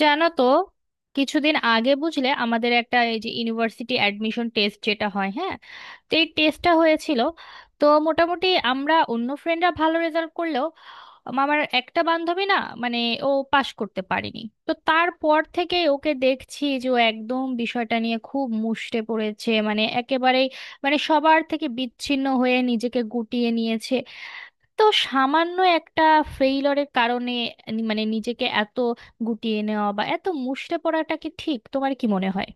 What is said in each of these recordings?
জানো তো, কিছুদিন আগে বুঝলে আমাদের একটা এই যে ইউনিভার্সিটি অ্যাডমিশন টেস্ট যেটা হয়, হ্যাঁ। তো এই টেস্টটা হয়েছিল। তো মোটামুটি আমরা অন্য ফ্রেন্ডরা ভালো রেজাল্ট করলেও আমার একটা বান্ধবী না, মানে, ও পাশ করতে পারেনি। তো তারপর থেকে ওকে দেখছি যে ও একদম বিষয়টা নিয়ে খুব মুষ্টে পড়েছে, মানে একেবারেই, মানে সবার থেকে বিচ্ছিন্ন হয়ে নিজেকে গুটিয়ে নিয়েছে। তো সামান্য একটা ফেইলরের কারণে মানে নিজেকে এত গুটিয়ে নেওয়া বা এত মুষড়ে পড়াটা কি ঠিক? তোমার কি মনে হয়?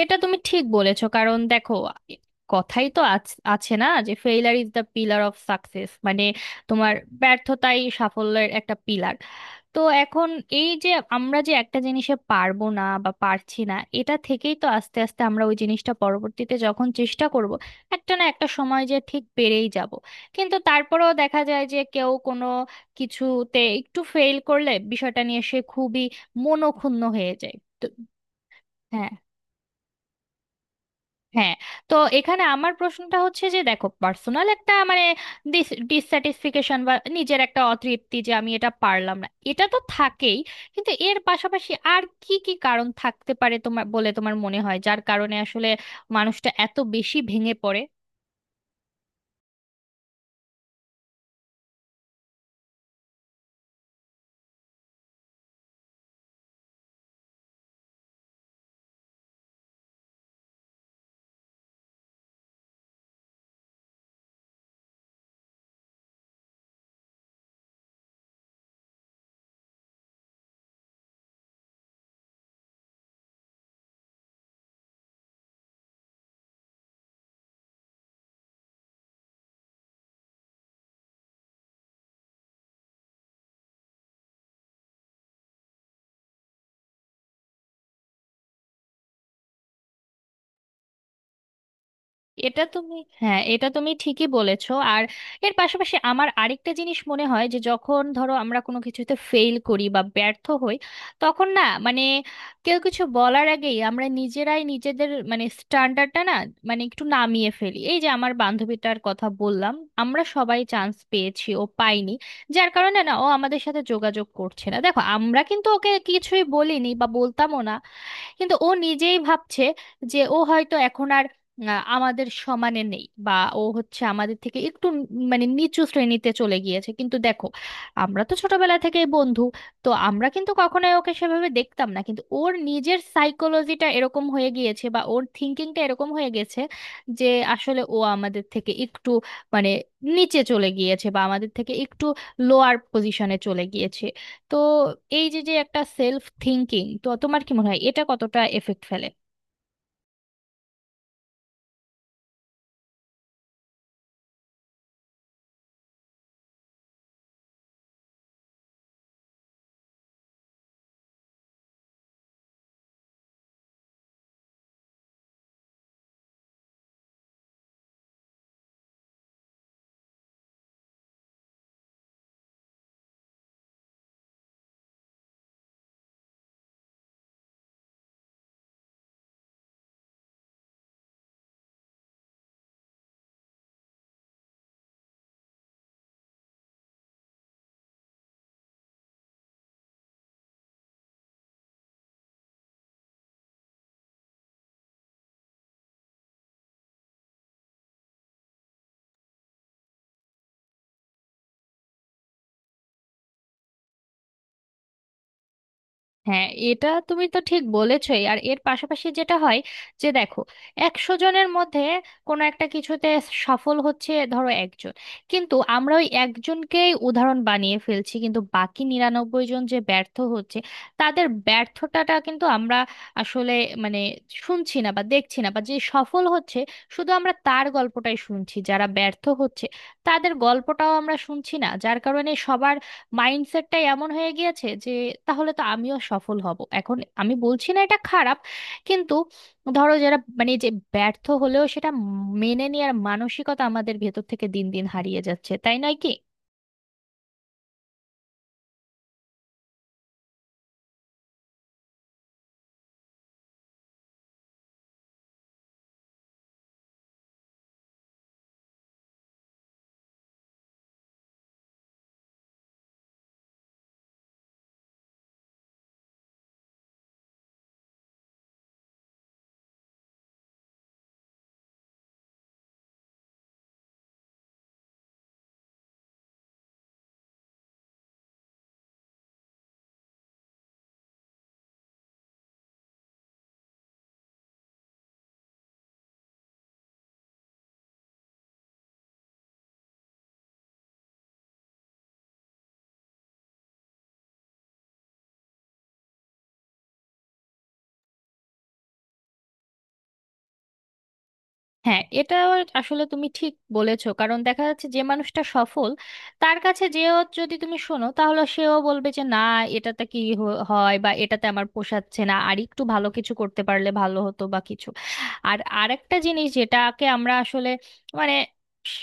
এটা তুমি ঠিক বলেছো। কারণ দেখো, কথাই তো আছে না, যে failure is the pillar of success, মানে তোমার ব্যর্থতাই সাফল্যের একটা পিলার। তো এখন এই যে আমরা যে একটা জিনিসে পারবো না বা পারছি না, এটা থেকেই তো আস্তে আস্তে আমরা ওই জিনিসটা পরবর্তীতে যখন চেষ্টা করব, একটা না একটা সময় যে ঠিক পেরেই যাব। কিন্তু তারপরেও দেখা যায় যে কেউ কোনো কিছুতে একটু ফেল করলে বিষয়টা নিয়ে সে খুবই মনোক্ষুণ্ণ হয়ে যায়। তো হ্যাঁ, হ্যাঁ। তো এখানে আমার প্রশ্নটা হচ্ছে যে দেখো, পার্সোনাল একটা, মানে, ডিসস্যাটিসফিকেশন বা নিজের একটা অতৃপ্তি যে আমি এটা পারলাম না, এটা তো থাকেই। কিন্তু এর পাশাপাশি আর কি কি কারণ থাকতে পারে তোমার বলে তোমার মনে হয় যার কারণে আসলে মানুষটা এত বেশি ভেঙে পড়ে? এটা তুমি, হ্যাঁ, এটা তুমি ঠিকই বলেছো। আর এর পাশাপাশি আমার আরেকটা জিনিস মনে হয় যে যখন ধরো আমরা কোনো কিছুতে ফেল করি বা ব্যর্থ হই, তখন না, মানে, কেউ কিছু বলার আগেই আমরা নিজেরাই নিজেদের, মানে, স্ট্যান্ডার্ডটা না, মানে একটু নামিয়ে ফেলি। এই যে আমার বান্ধবীটার কথা বললাম, আমরা সবাই চান্স পেয়েছি, ও পাইনি। যার কারণে না ও আমাদের সাথে যোগাযোগ করছে না। দেখো, আমরা কিন্তু ওকে কিছুই বলিনি বা বলতামও না, কিন্তু ও নিজেই ভাবছে যে ও হয়তো এখন আর আমাদের সমানে নেই, বা ও হচ্ছে আমাদের থেকে একটু মানে নিচু শ্রেণীতে চলে গিয়েছে। কিন্তু দেখো, আমরা তো ছোটবেলা থেকেই বন্ধু। তো আমরা কিন্তু কখনোই ওকে সেভাবে দেখতাম না, কিন্তু ওর নিজের সাইকোলজিটা এরকম হয়ে গিয়েছে বা ওর থিঙ্কিংটা এরকম হয়ে গেছে যে আসলে ও আমাদের থেকে একটু, মানে, নিচে চলে গিয়েছে বা আমাদের থেকে একটু লোয়ার পজিশনে চলে গিয়েছে। তো এই যে যে একটা সেলফ থিঙ্কিং, তো তোমার কি মনে হয় এটা কতটা এফেক্ট ফেলে? হ্যাঁ, এটা তুমি তো ঠিক বলেছই। আর এর পাশাপাশি যেটা হয় যে দেখো, 100 জনের মধ্যে কোনো একটা কিছুতে সফল হচ্ছে ধরো একজন, কিন্তু আমরা ওই একজনকেই উদাহরণ বানিয়ে ফেলছি। কিন্তু বাকি 99 জন যে ব্যর্থ হচ্ছে, তাদের ব্যর্থতাটা কিন্তু আমরা আসলে, মানে, শুনছি না বা দেখছি না। বা যে সফল হচ্ছে, শুধু আমরা তার গল্পটাই শুনছি। যারা ব্যর্থ হচ্ছে, তাদের গল্পটাও আমরা শুনছি না, যার কারণে সবার মাইন্ডসেটটাই এমন হয়ে গিয়েছে যে তাহলে তো আমিও সফল হব এখন। আমি বলছি না এটা খারাপ, কিন্তু ধরো যারা, মানে, যে ব্যর্থ হলেও সেটা মেনে নেওয়ার মানসিকতা আমাদের ভেতর থেকে দিন দিন হারিয়ে যাচ্ছে, তাই নয় কি? হ্যাঁ, এটা আসলে তুমি ঠিক বলেছো। কারণ দেখা যাচ্ছে যে মানুষটা সফল, তার কাছে যেও যদি তুমি শোনো, তাহলে সেও বলবে যে না, এটাতে কি হয় বা এটাতে আমার পোষাচ্ছে না, আর একটু ভালো কিছু করতে পারলে ভালো হতো বা কিছু। আর আরেকটা জিনিস যেটাকে আমরা আসলে, মানে,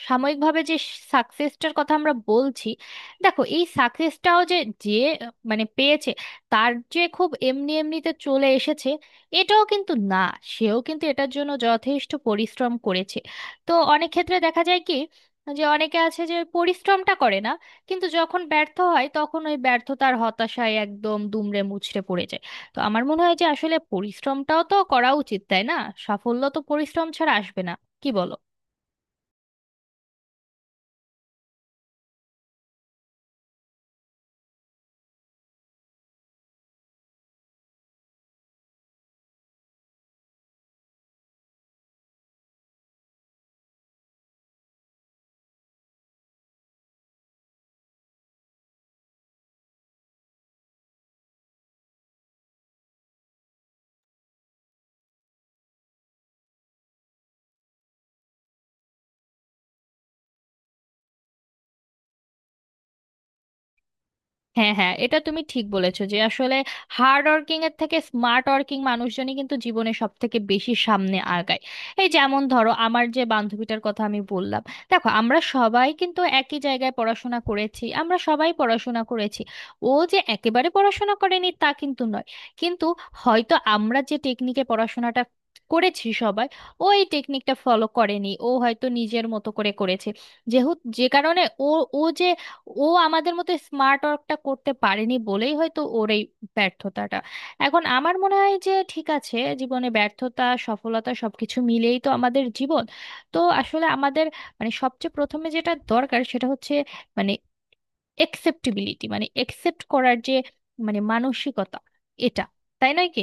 সাময়িকভাবে যে সাকসেসটার কথা আমরা বলছি, দেখো এই সাকসেসটাও যে যে মানে পেয়েছে, তার যে খুব এমনি এমনিতে চলে এসেছে, এটাও কিন্তু না। সেও কিন্তু এটার জন্য যথেষ্ট পরিশ্রম করেছে। তো অনেক ক্ষেত্রে দেখা যায় কি, যে অনেকে আছে যে পরিশ্রমটা করে না, কিন্তু যখন ব্যর্থ হয় তখন ওই ব্যর্থতার হতাশায় একদম দুমড়ে মুচড়ে পড়ে যায়। তো আমার মনে হয় যে আসলে পরিশ্রমটাও তো করা উচিত, তাই না? সাফল্য তো পরিশ্রম ছাড়া আসবে না, কি বলো? হ্যাঁ, হ্যাঁ, এটা তুমি ঠিক বলেছো যে আসলে হার্ড ওয়ার্কিং এর থেকে স্মার্ট ওয়ার্কিং মানুষজনই কিন্তু জীবনে সব থেকে বেশি সামনে আগায়। এই যেমন ধরো আমার যে বান্ধবীটার কথা আমি বললাম, দেখো আমরা সবাই কিন্তু একই জায়গায় পড়াশোনা করেছি, আমরা সবাই পড়াশোনা করেছি, ও যে একেবারে পড়াশোনা করেনি তা কিন্তু নয়। কিন্তু হয়তো আমরা যে টেকনিকে পড়াশোনাটা করেছি সবাই, ও এই টেকনিকটা ফলো করেনি, ও হয়তো নিজের মতো করে করেছে। যেহেতু যে কারণে ও, ও যে ও আমাদের মতো স্মার্ট ওয়ার্কটা করতে পারেনি বলেই হয়তো ওর এই ব্যর্থতাটা। এখন আমার মনে হয় যে ঠিক আছে, জীবনে ব্যর্থতা সফলতা সবকিছু মিলেই তো আমাদের জীবন। তো আসলে আমাদের, মানে, সবচেয়ে প্রথমে যেটা দরকার সেটা হচ্ছে, মানে, একসেপ্টেবিলিটি, মানে একসেপ্ট করার যে, মানে, মানসিকতা, এটা, তাই নয় কি?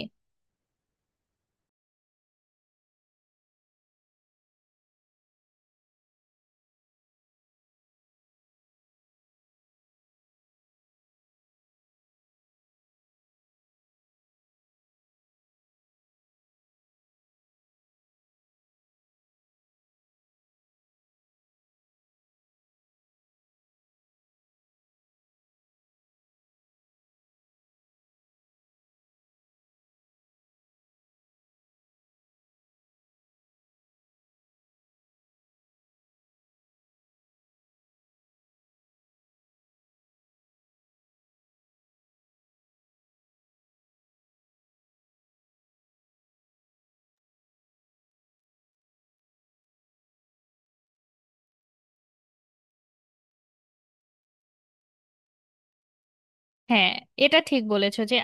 হ্যাঁ, এটা ঠিক বলেছো যে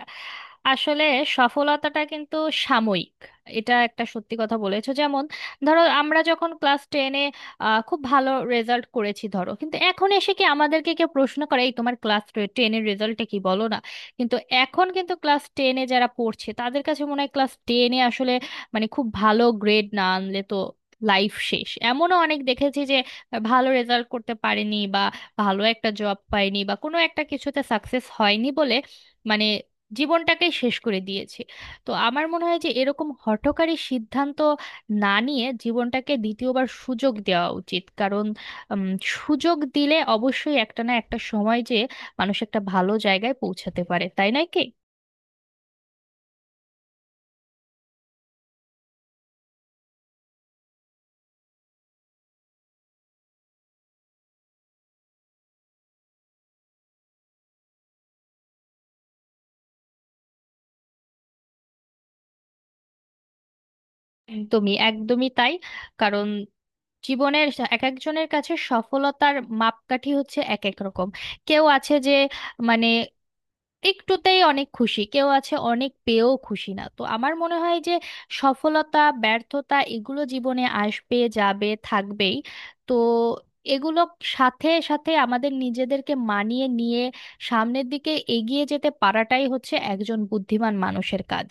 আসলে সফলতাটা কিন্তু সাময়িক, এটা একটা সত্যি কথা বলেছো। যেমন ধরো আমরা যখন ক্লাস টেনে খুব ভালো রেজাল্ট করেছি ধরো, কিন্তু এখন এসে কি আমাদেরকে কেউ প্রশ্ন করে এই তোমার ক্লাস টেনের রেজাল্টটা কি, বলো না? কিন্তু এখন কিন্তু ক্লাস টেনে যারা পড়ছে তাদের কাছে মনে হয় ক্লাস টেনে আসলে, মানে, খুব ভালো গ্রেড না আনলে তো লাইফ শেষ। এমনও অনেক দেখেছি যে ভালো রেজাল্ট করতে পারেনি, ভালো একটা জব পাইনি বা কোনো একটা কিছুতে সাকসেস হয়নি বলে, মানে, জীবনটাকে শেষ করে দিয়েছি। তো আমার মনে হয় যে এরকম হঠকারী সিদ্ধান্ত না নিয়ে জীবনটাকে দ্বিতীয়বার সুযোগ দেওয়া উচিত। কারণ উম, সুযোগ দিলে অবশ্যই একটা না একটা সময় যে মানুষ একটা ভালো জায়গায় পৌঁছাতে পারে, তাই নয় কি? একদমই, একদমই তাই। কারণ জীবনের এক একজনের কাছে সফলতার মাপকাঠি হচ্ছে এক এক রকম। কেউ আছে যে, মানে, একটুতেই অনেক খুশি, কেউ আছে অনেক পেয়েও খুশি না। তো আমার মনে হয় যে সফলতা ব্যর্থতা এগুলো জীবনে আসবে, যাবে, থাকবেই। তো এগুলো সাথে সাথে আমাদের নিজেদেরকে মানিয়ে নিয়ে সামনের দিকে এগিয়ে যেতে পারাটাই হচ্ছে একজন বুদ্ধিমান মানুষের কাজ।